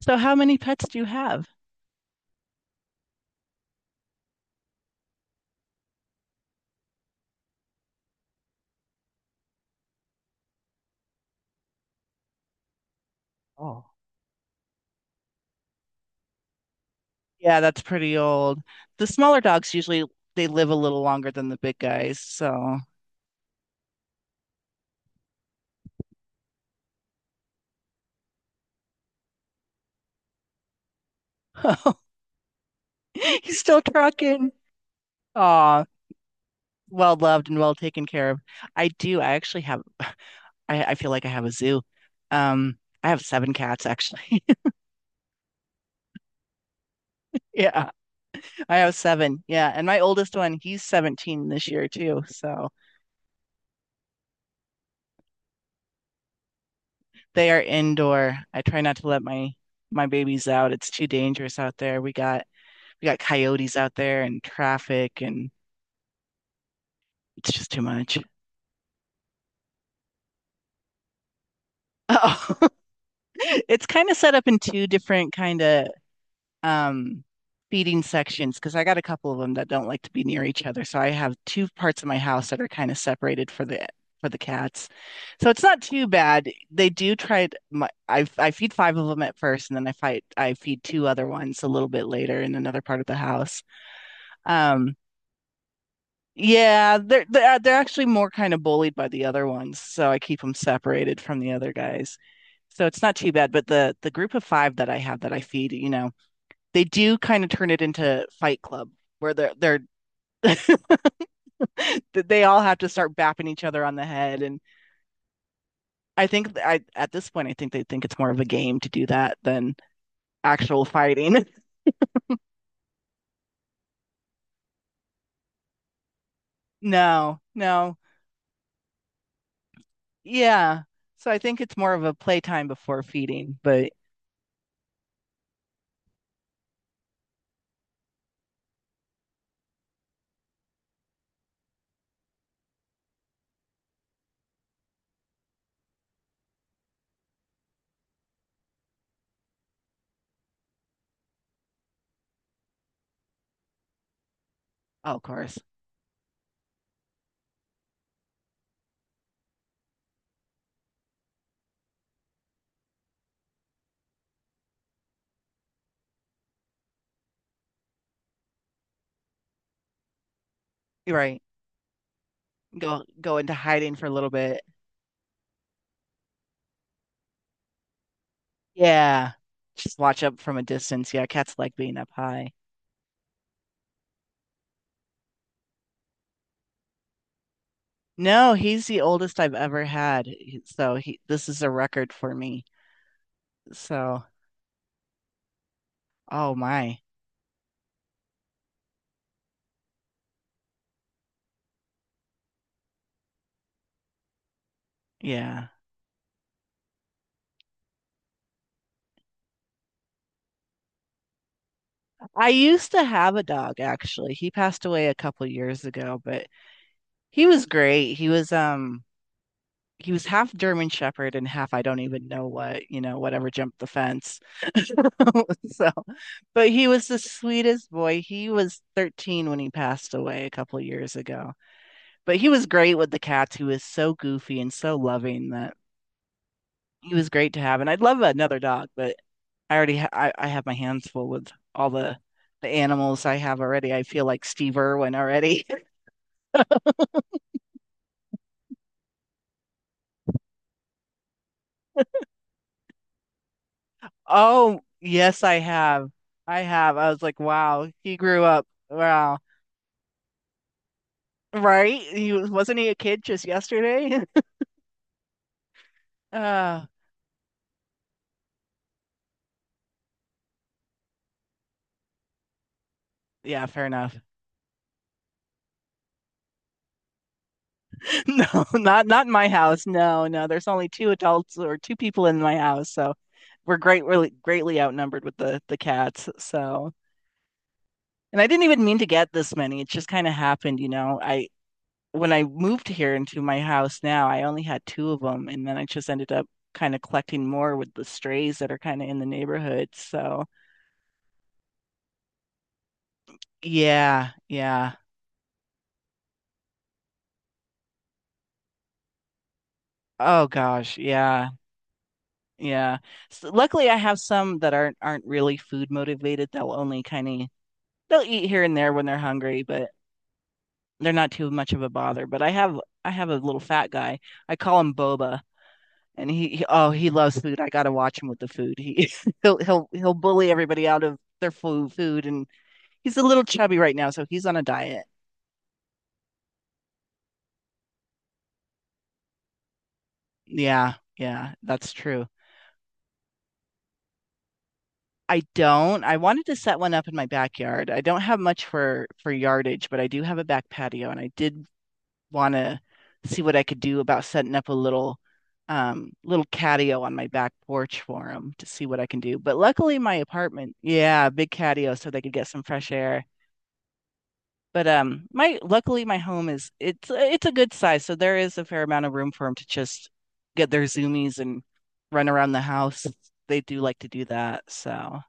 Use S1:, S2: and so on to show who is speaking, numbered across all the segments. S1: So how many pets do you have? Oh, yeah, that's pretty old. The smaller dogs usually they live a little longer than the big guys, so he's still trucking. Aw, well loved and well taken care of. I do. I actually have I feel like I have a zoo. I have 7 cats actually. Yeah, I have seven. Yeah, and my oldest one, he's 17 this year too. So they are indoor. I try not to let my babies out. It's too dangerous out there. We got coyotes out there and traffic and it's just too much. Oh, it's kind of set up in two different kind of um feeding sections because I got a couple of them that don't like to be near each other. So I have two parts of my house that are kind of separated for the cats. So it's not too bad. They do try to, my, I feed 5 of them at first and then I feed two other ones a little bit later in another part of the house. Um Yeah, they're they're actually more kind of bullied by the other ones, so I keep them separated from the other guys. So it's not too bad, but the group of 5 that I have that I feed, you know, they do kind of turn it into Fight Club where they're they all have to start bapping each other on the head, and I at this point I think they think it's more of a game to do that than actual fighting. No, no, yeah. So I think it's more of a playtime before feeding, but oh, of course, you're right. Go into hiding for a little bit. Yeah. Just watch up from a distance. Yeah, cats like being up high. No, he's the oldest I've ever had. So he this is a record for me. So, oh my. Yeah. I used to have a dog actually. He passed away a couple years ago, but he was great. He was half German Shepherd and half I don't even know what, you know, whatever jumped the fence. So, but he was the sweetest boy. He was 13 when he passed away a couple of years ago. But he was great with the cats. He was so goofy and so loving that he was great to have. And I'd love another dog, but I already ha I have my hands full with all the animals I have already. I feel like Steve Irwin already. Oh, yes, I have. I have. I was like, wow, he grew up. Wow. Right? He was, wasn't he a kid just yesterday? Uh, yeah, fair enough. No, not not in my house. No, no. There's only two adults or two people in my house, so we're great really greatly outnumbered with the cats. So, and I didn't even mean to get this many. It just kind of happened, you know. I When I moved here into my house now, I only had two of them, and then I just ended up kind of collecting more with the strays that are kind of in the neighborhood. So, yeah, yeah. Oh gosh, yeah. Yeah. So luckily, I have some that aren't really food motivated. They'll only kind of they'll eat here and there when they're hungry, but they're not too much of a bother. But I have a little fat guy. I call him Boba, and he loves food. I gotta watch him with the food. He he'll bully everybody out of their food, and he's a little chubby right now, so he's on a diet. Yeah, yeah, that's true. I don't. I wanted to set one up in my backyard. I don't have much for yardage, but I do have a back patio, and I did want to see what I could do about setting up a little little catio on my back porch for them to see what I can do. But luckily my apartment, yeah, big catio so they could get some fresh air. But my luckily my home is it's a good size, so there is a fair amount of room for them to just get their zoomies and run around the house. They do like to do that. So,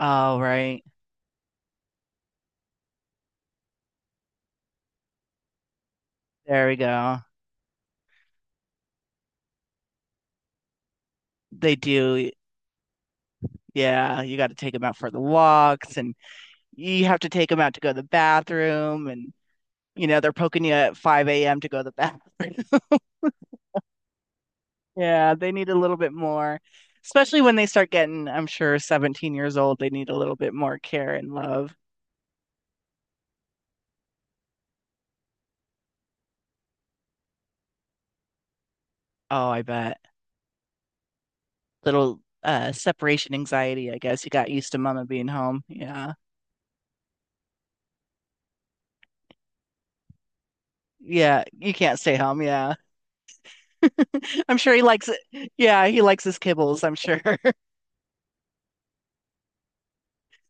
S1: all right. There we go. They do. Yeah, you got to take them out for the walks and you have to take them out to go to the bathroom and you know they're poking you at 5 a.m. to go to the bathroom. Yeah, they need a little bit more, especially when they start getting, I'm sure, 17 years old, they need a little bit more care and love. Oh, I bet. Little separation anxiety, I guess. You got used to mama being home. Yeah. Yeah, you can't stay home. Yeah. I'm sure he likes it. Yeah, he likes his kibbles, I'm sure.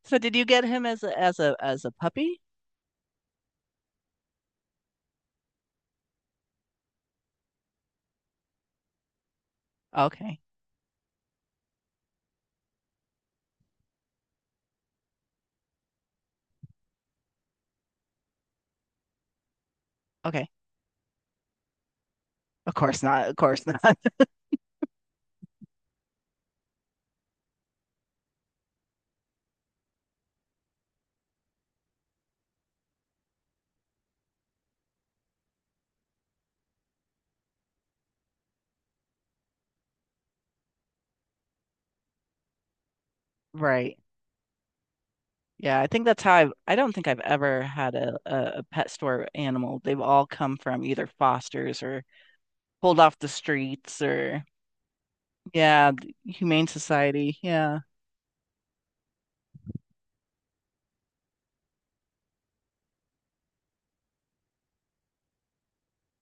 S1: So did you get him as a puppy? Okay. Okay. Of course not. Of course not. Right. Yeah, I think that's how I've, I don't think I've ever had a pet store animal. They've all come from either fosters or pulled off the streets or, yeah, the Humane Society. Yeah,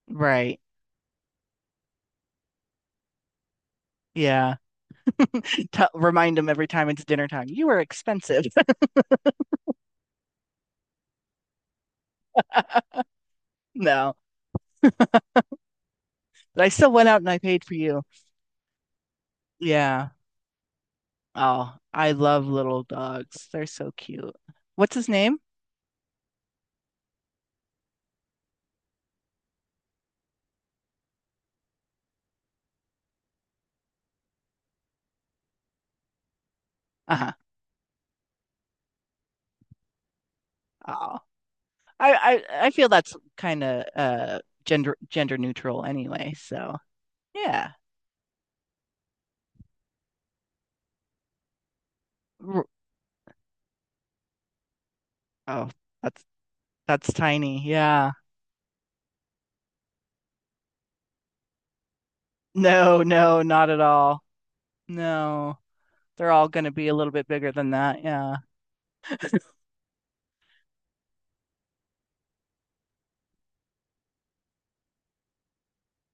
S1: right. Yeah. Tell Remind them every time it's dinner time, you are expensive. No, but I still went out and I paid for you. Yeah. Oh, I love little dogs. They're so cute. What's his name? Uh-huh. Oh, I, I feel that's kind of gender neutral anyway, so. Yeah. R- Oh, that's that's tiny. Yeah. No, no, not at all. No. They're all going to be a little bit bigger than that. Yeah.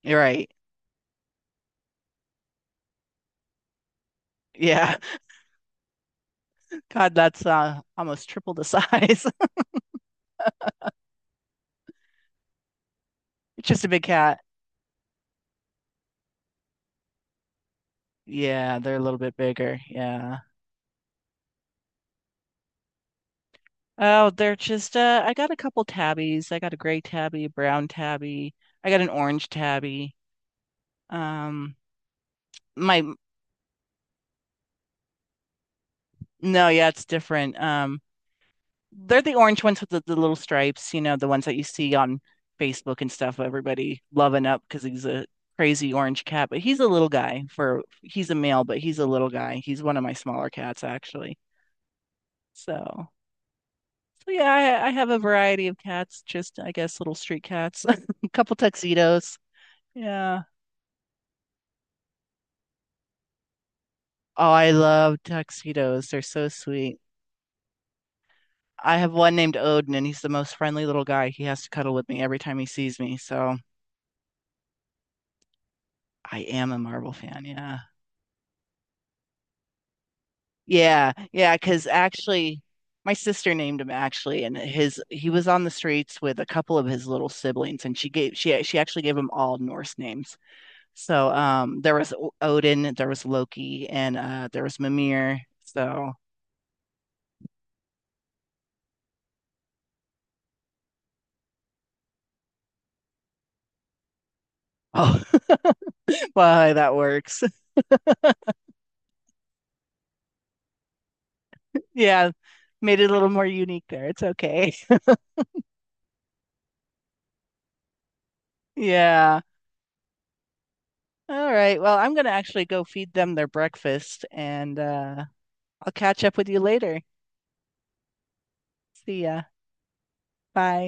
S1: You're right. Yeah. God, that's almost triple the size. It's just a big cat. Yeah, they're a little bit bigger. Yeah. Oh, they're just I got a couple tabbies. I got a gray tabby, a brown tabby. I got an orange tabby. Um my no, yeah, it's different. They're the orange ones with the little stripes, you know, the ones that you see on Facebook and stuff. Everybody loving up because he's a crazy orange cat, but he's a little guy for he's a male, but he's a little guy. He's one of my smaller cats actually. So, so yeah, I have a variety of cats, just I guess little street cats, a couple tuxedos. Yeah. Oh, I love tuxedos. They're so sweet. I have one named Odin, and he's the most friendly little guy. He has to cuddle with me every time he sees me. So I am a Marvel fan. Yeah. Yeah, yeah, because actually, my sister named him actually, and his he was on the streets with a couple of his little siblings, and she actually gave them all Norse names. So there was Odin, there was Loki, and there was Mimir. So oh, why that works. Yeah, made it a little more unique there. It's okay. Yeah. All right. Well, I'm gonna actually go feed them their breakfast, and I'll catch up with you later. See ya. Bye.